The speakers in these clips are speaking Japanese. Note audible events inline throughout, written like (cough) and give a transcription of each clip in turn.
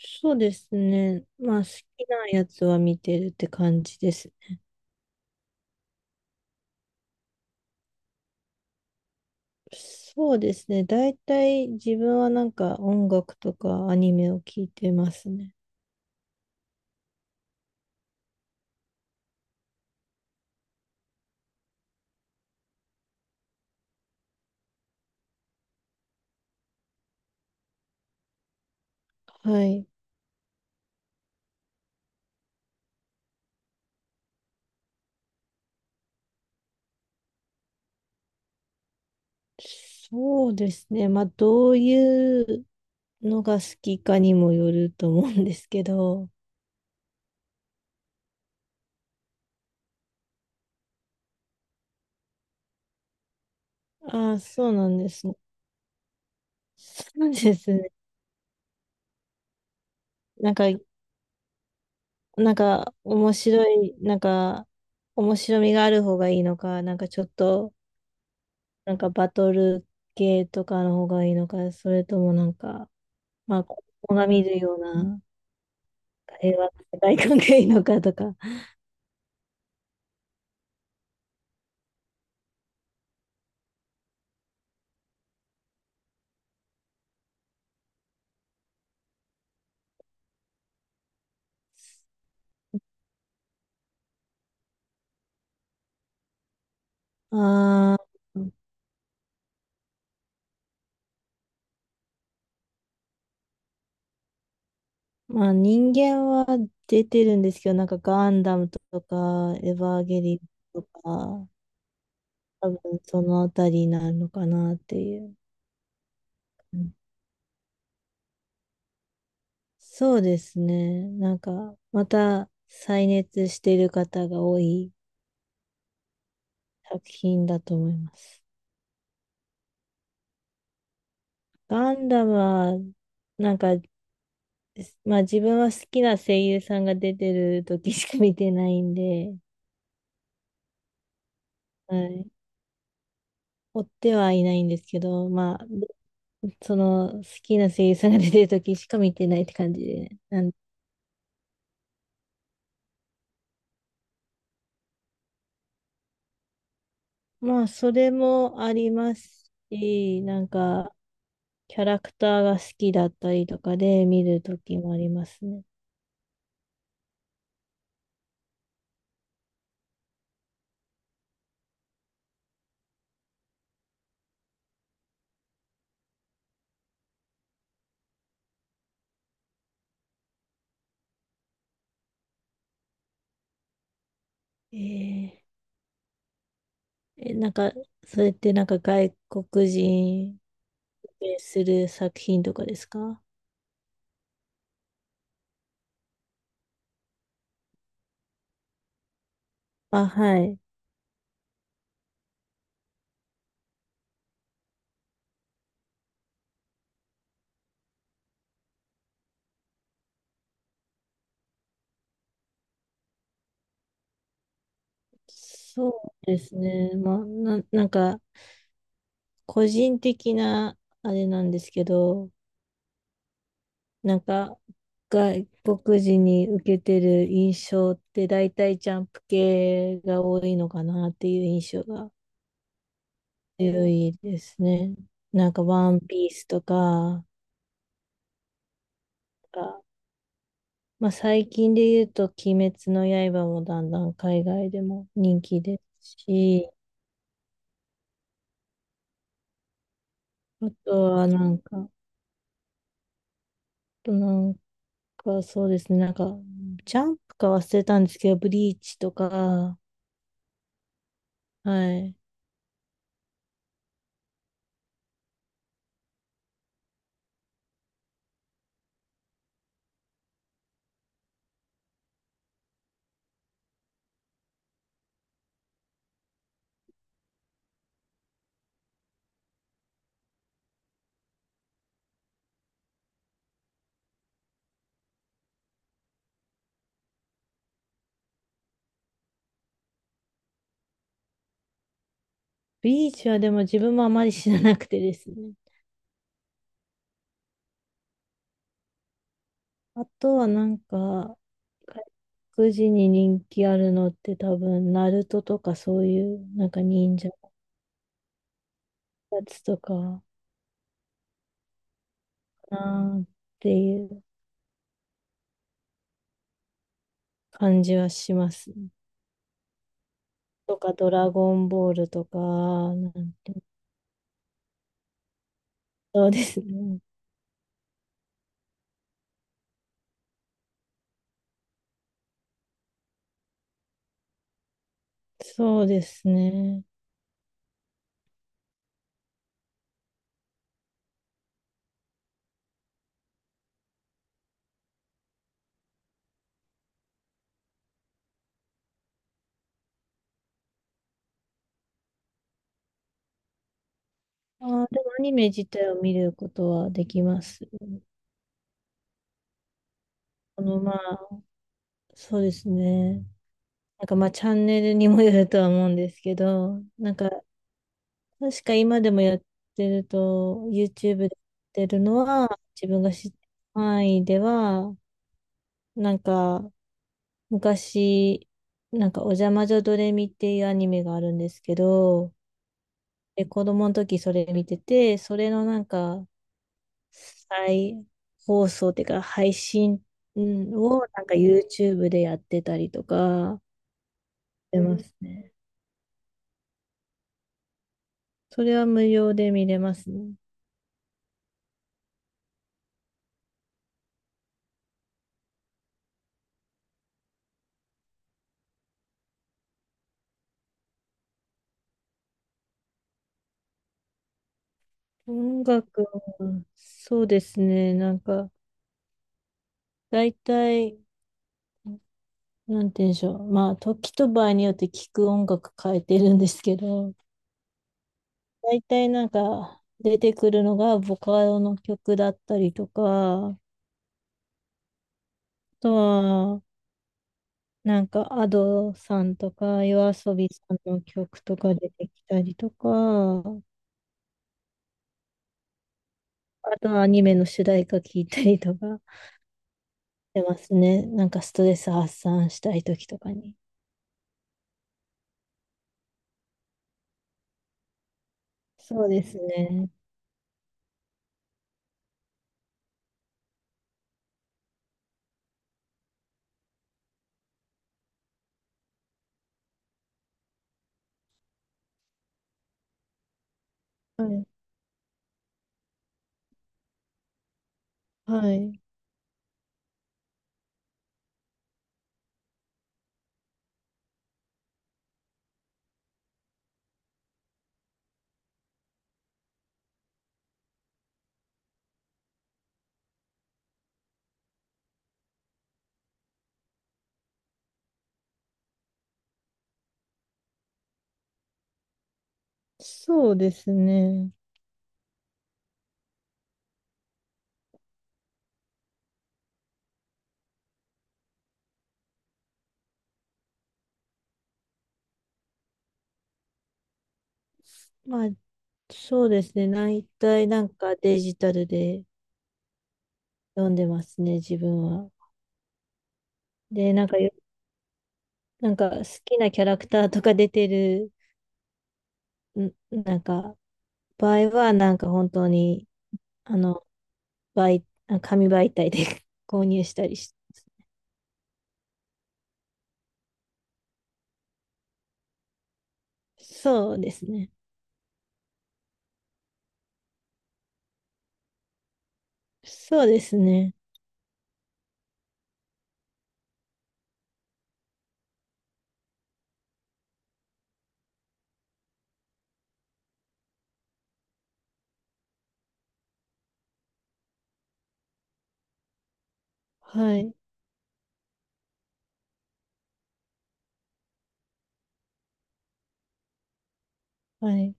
そうですね。まあ、好きなやつは見てるって感じです。そうですね。大体自分はなんか音楽とかアニメを聞いてますね。はい。そうですね。まあ、どういうのが好きかにもよると思うんですけど。ああ、そうなんですね。そうですね。なんか、なんか面白い、なんか面白みがある方がいいのか、なんかちょっとなんかバトル系とかの方がいいのか、それともなんか、まあ、子供が見るような平和な世界観がいいのかとか。ああ、まあ人間は出てるんですけど、なんかガンダムとか、エヴァーゲリオンとか、多分そのあたりになるのかなっていう。うん。そうですね。なんか、また再熱してる方が多い作品だと思います。ガンダムは、なんかまあ自分は好きな声優さんが出てる時しか見てないんで、はい。追ってはいないんですけど、まあ、その好きな声優さんが出てる時しか見てないって感じでね。まあ、それもありますし、なんか、キャラクターが好きだったりとかで見る時もありますね。えーえ、なんか、それってなんか外国人をする作品とかですか？あ、はい。そうですね。まあ、な、なんか、個人的な、あれなんですけど、なんか、外国人に受けてる印象って、大体ジャンプ系が多いのかなっていう印象が強いですね。なんか、ワンピースとか、あ、まあ、最近で言うと、鬼滅の刃もだんだん海外でも人気ですし、あとはなんか、あと、なんか、そうですね。なんか、ジャンプか忘れたんですけど、ブリーチとか、はい。ブリーチはでも自分もあまり知らなくてですね。あとはなんか、外国人に人気あるのって多分、ナルトとかそういう、なんか忍者のやつとか、なーっていう感じはしますね。とか、ドラゴンボールとか、なんて、そうですね。そうですね。あー、でもアニメ自体を見ることはできます。あの、まあ、そうですね。なんかまあ、チャンネルにもよるとは思うんですけど、なんか、確か今でもやってると、YouTube でやってるのは、自分が知ってる範囲では、なんか、昔、なんか、おじゃまじょドレミっていうアニメがあるんですけど、で、子供の時それ見てて、それのなんか、再放送っていうか、配信うんをなんか YouTube でやってたりとか、してますね。それは無料で見れますね。音楽は、そうですね。なんか、大体、なんて言うんでしょう。まあ、時と場合によって聞く音楽変えてるんですけど、大体なんか、出てくるのがボカロの曲だったりとか、あとは、なんか、アドさんとか、夜遊びさんの曲とか出てきたりとか、あとはアニメの主題歌聞いたりとかしてますね。なんかストレス発散したい時とかに。そうですね。はい。はい。そうですね。まあ、そうですね。大体なんかデジタルで読んでますね、自分は。で、なんかよ、なんか好きなキャラクターとか出てる、んなんか、場合はなんか本当に、あの、紙媒体で (laughs) 購入したりし、そうですね。そうですね。はい。はい。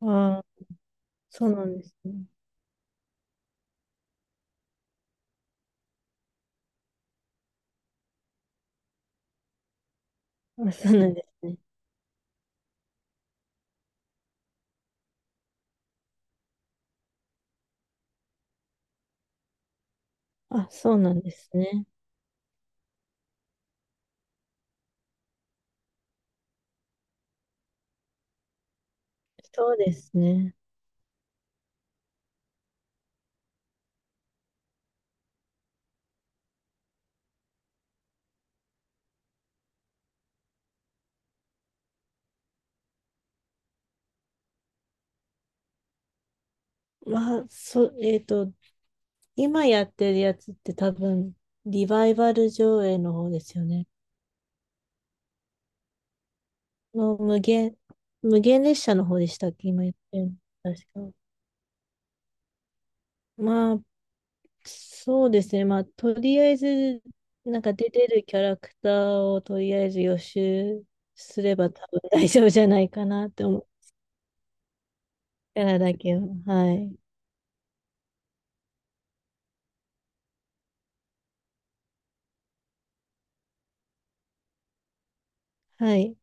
ああ、そうなんですね。あ、そうなんですね。あ、そうなんですね。そうですね。まあ、そ、えっと、今やってるやつって多分、リバイバル上映の方ですよね。の無限、無限列車の方でしたっけ？今やってるの確か。まあ、そうですね。まあ、とりあえず、なんか出てるキャラクターをとりあえず予習すれば多分大丈夫じゃないかなって思う。キャラだけは。はい。はい。